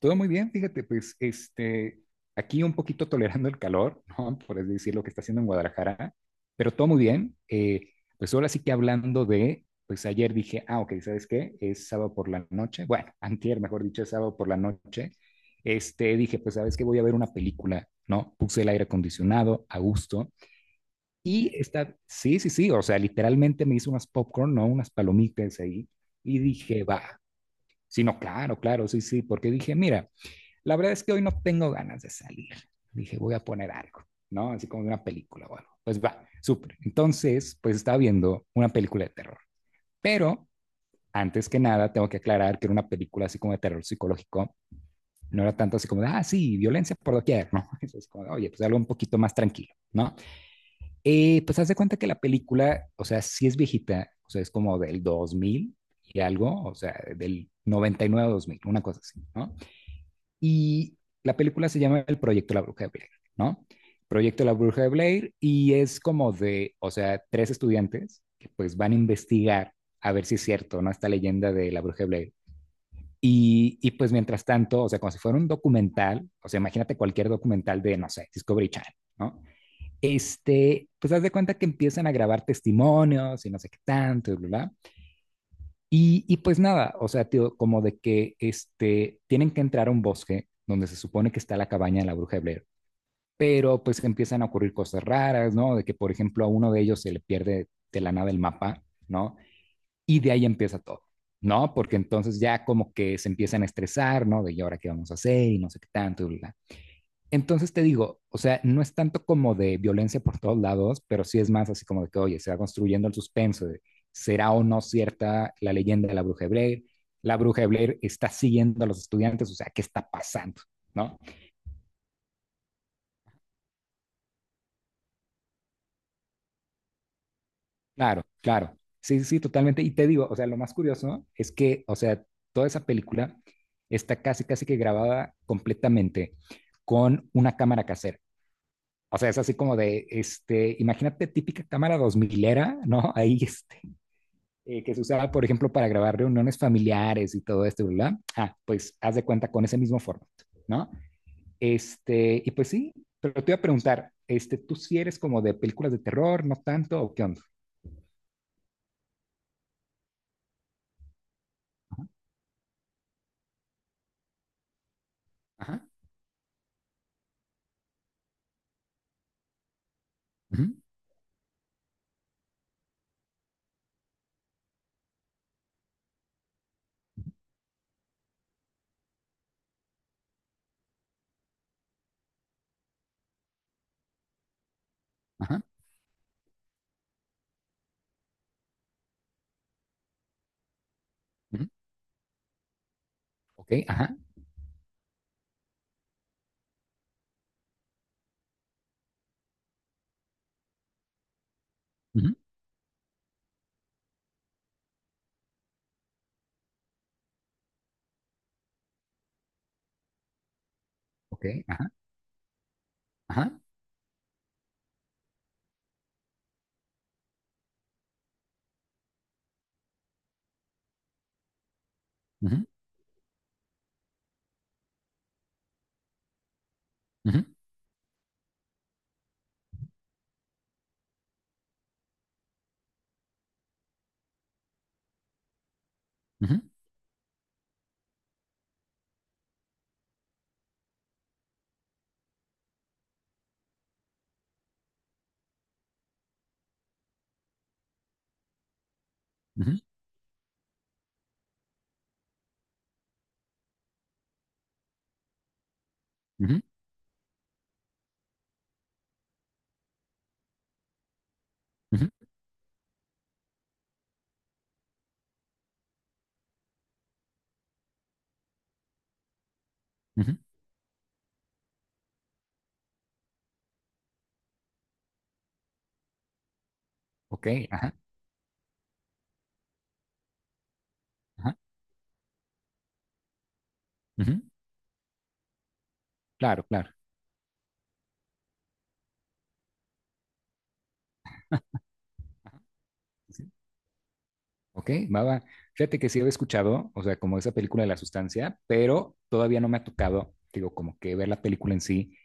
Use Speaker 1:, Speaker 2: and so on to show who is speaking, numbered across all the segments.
Speaker 1: Todo muy bien, fíjate, pues aquí un poquito tolerando el calor, ¿no? Por así decir lo que está haciendo en Guadalajara, pero todo muy bien. Pues ahora sí que hablando pues ayer dije, ok, ¿sabes qué? Es sábado por la noche, bueno, antier, mejor dicho, es sábado por la noche. Dije, pues sabes qué, voy a ver una película, ¿no? Puse el aire acondicionado a gusto y está, sí, sí, sí, o sea, literalmente me hice unas popcorn, ¿no? Unas palomitas ahí y dije, va, sí, no, claro, claro, sí, sí, porque dije, mira, la verdad es que hoy no tengo ganas de salir. Dije, voy a poner algo, ¿no? Así como una película o algo. Pues va, súper. Entonces, pues estaba viendo una película de terror. Pero antes que nada, tengo que aclarar que era una película así como de terror psicológico. No era tanto así como, ah, sí, violencia por doquier, ¿no? Eso es como, oye, pues algo un poquito más tranquilo, ¿no? Pues haz de cuenta que la película, o sea, sí es viejita, o sea, es como del 2000 y algo, o sea, del 99 a 2000, una cosa así, ¿no? Y la película se llama El Proyecto de La Bruja de Blair, ¿no? Proyecto de La Bruja de Blair y es como de, o sea, tres estudiantes que pues van a investigar a ver si es cierto, ¿no? Esta leyenda de la Bruja de Blair. Y pues mientras tanto, o sea, como si fuera un documental, o sea, imagínate cualquier documental de, no sé, Discovery Channel, ¿no? Pues haz de cuenta que empiezan a grabar testimonios y no sé qué tanto, y bla, bla. Y pues nada, o sea, tío, como de que tienen que entrar a un bosque donde se supone que está la cabaña de la bruja de Blair, pero pues empiezan a ocurrir cosas raras, ¿no? De que, por ejemplo, a uno de ellos se le pierde de la nada el mapa, ¿no? Y de ahí empieza todo, ¿no? Porque entonces ya como que se empiezan a estresar, ¿no? De y ahora qué vamos a hacer y no sé qué tanto, y bla. Entonces te digo, o sea, no es tanto como de violencia por todos lados, pero sí es más así como de que, oye, se va construyendo el suspenso de, será o no cierta la leyenda de la bruja de Blair, la bruja de Blair está siguiendo a los estudiantes, o sea, ¿qué está pasando? ¿No? Claro, claro. Sí, sí, totalmente. Y te digo, o sea, lo más curioso es que, o sea, toda esa película está casi, casi que grabada completamente con una cámara casera. O sea, es así como de, imagínate típica cámara dos milera, ¿no? Ahí, que se usaba, por ejemplo, para grabar reuniones familiares y todo esto, ¿verdad? Ah, pues haz de cuenta con ese mismo formato, ¿no? Y pues sí, pero te iba a preguntar, ¿tú si eres como de películas de terror, no tanto, o qué onda? Ajá, ujú, ajá, ujú, ok, ajá, ujú, ok, ajá, ajá, ujú, ujú, ujú, ujú, ujú, ujú, ujú, ok, ajá, ajá, ujú, claro, claro, ajá, sí, ok, va, va. Fíjate que sí había escuchado, o sea, como esa película de la sustancia, pero todavía no me ha tocado, digo, como que ver la película en sí.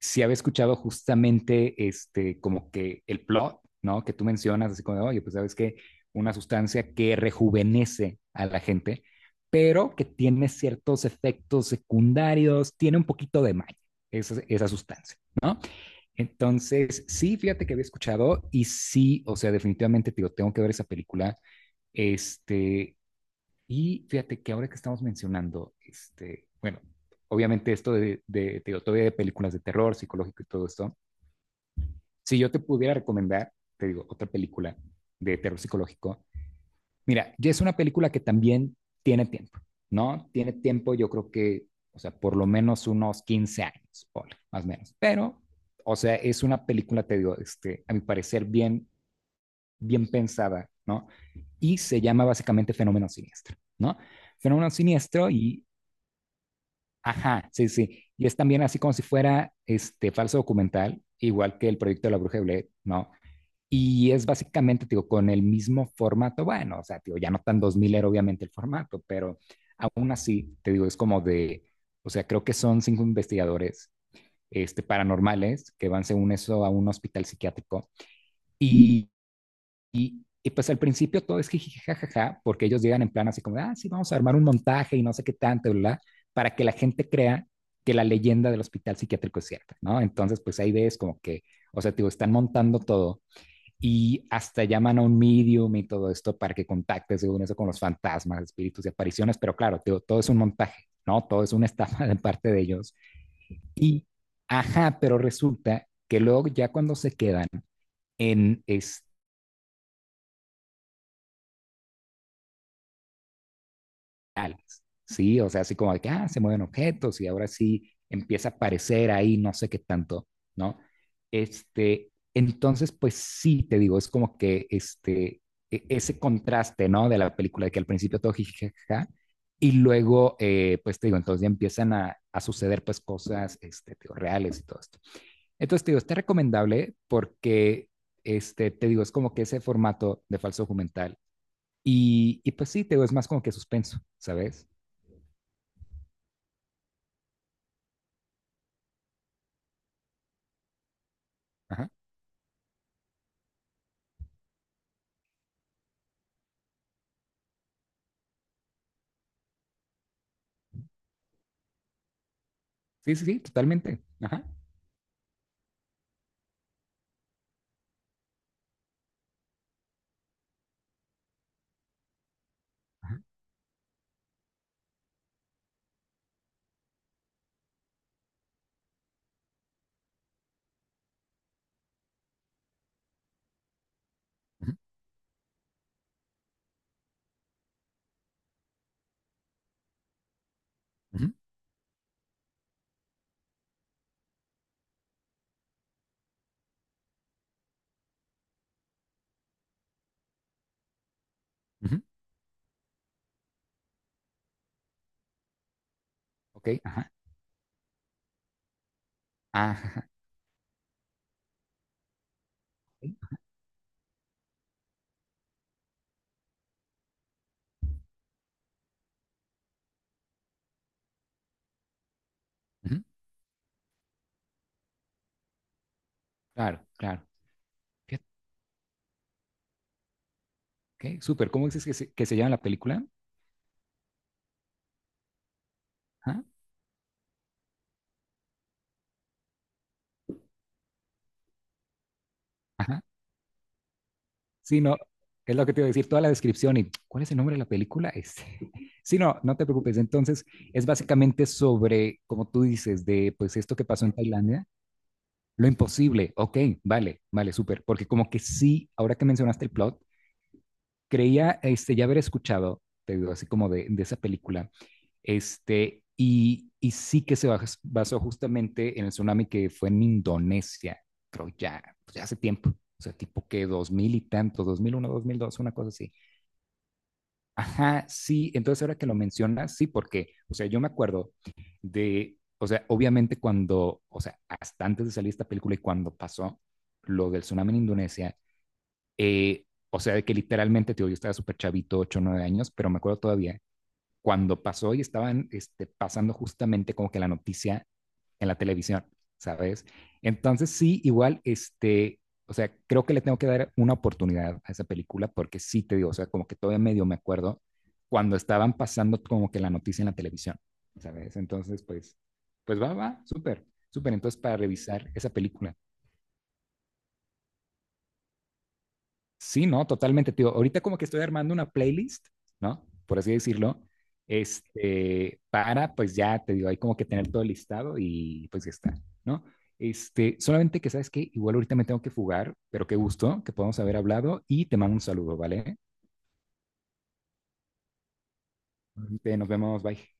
Speaker 1: Sí había escuchado justamente, como que el plot, ¿no? Que tú mencionas, así como, de, oye, pues sabes que una sustancia que rejuvenece a la gente, pero que tiene ciertos efectos secundarios, tiene un poquito de maña, esa sustancia, ¿no? Entonces, sí, fíjate que había escuchado y sí, o sea, definitivamente, tío, tengo que ver esa película. Este, y fíjate que ahora que estamos mencionando, bueno, obviamente esto te digo, todavía de películas de terror psicológico y todo esto, si yo te pudiera recomendar, te digo, otra película de terror psicológico. Mira, ya es una película que también tiene tiempo, ¿no? Tiene tiempo, yo creo que, o sea, por lo menos unos 15 años, ponle, más o menos. Pero, o sea, es una película, te digo, a mi parecer, bien, bien pensada, ¿no? Y se llama básicamente Fenómeno Siniestro, ¿no? Fenómeno Siniestro y, ajá, sí, sí. Y es también así como si fuera este falso documental, igual que el proyecto de la Bruja de Blair, ¿no? Y es básicamente, digo, con el mismo formato, bueno, o sea, digo, ya no tan 2000 era obviamente el formato, pero aún así, te digo, es como de, o sea, creo que son cinco investigadores paranormales que van según eso a un hospital psiquiátrico y, y pues al principio todo es jiji, jajaja, porque ellos llegan en plan así como, ah, sí, vamos a armar un montaje y no sé qué tanto, bla, para que la gente crea que la leyenda del hospital psiquiátrico es cierta, ¿no? Entonces, pues ahí ves como que, o sea, digo, están montando todo y hasta llaman a un medium y todo esto para que contacte, según eso, con los fantasmas, espíritus y apariciones, pero claro, todo es un montaje, ¿no? Todo es una estafa de parte de ellos. Y, ajá, pero resulta que luego ya cuando se quedan en, es, digitales, ¿sí? O sea, así como de que, ah, se mueven objetos y ahora sí empieza a aparecer ahí no sé qué tanto, ¿no? Entonces, pues sí, te digo, es como que ese contraste, ¿no? De la película, de que al principio todo jijijaja, y luego, pues te digo, entonces ya empiezan a suceder pues cosas, te digo, reales y todo esto. Entonces, te digo, está recomendable porque, te digo, es como que ese formato de falso documental. Y pues sí, te digo, es más como que suspenso, ¿sabes? Ajá. Sí, sí, sí, totalmente. Ajá. Ajá. Ujú, ujú, ujú, ok, ajá. Ah, ajá. Ok, ujú, claro, claro. Fíjate, ok, súper. ¿Cómo dices que que se llama la película? Ajá. Ajá. Sí, no, es lo que te iba a decir, toda la descripción y ¿cuál es el nombre de la película? Este. Sí, no, no te preocupes. Entonces, es básicamente sobre, como tú dices, de pues esto que pasó en Tailandia, lo imposible. Ok, vale, vale, súper. Porque como que sí, ahora que mencionaste el plot, creía ya haber escuchado, te digo, así como de esa película. Y sí que se basó justamente en el tsunami que fue en Indonesia, creo ya, pues ya hace tiempo. O sea, tipo que 2000 y tanto, 2001, 2002, una cosa así. Ajá, sí, entonces ahora que lo mencionas, sí, porque, o sea, yo me acuerdo de, o sea, obviamente cuando, o sea, hasta antes de salir esta película y cuando pasó lo del tsunami en Indonesia, eh, o sea, de que literalmente, tío, yo estaba súper chavito, 8 o 9 años, pero me acuerdo todavía cuando pasó y estaban pasando justamente como que la noticia en la televisión, ¿sabes? Entonces sí, igual, o sea, creo que le tengo que dar una oportunidad a esa película porque sí te digo, o sea, como que todavía medio me acuerdo cuando estaban pasando como que la noticia en la televisión, ¿sabes? Entonces, pues, pues va, va, súper, súper. Entonces, para revisar esa película. Sí, no, totalmente, tío. Ahorita como que estoy armando una playlist, ¿no? Por así decirlo, para, pues ya te digo, hay como que tener todo listado y pues ya está, ¿no? Solamente que sabes que igual ahorita me tengo que fugar, pero qué gusto que podamos haber hablado y te mando un saludo, ¿vale? Ahorita nos vemos, bye.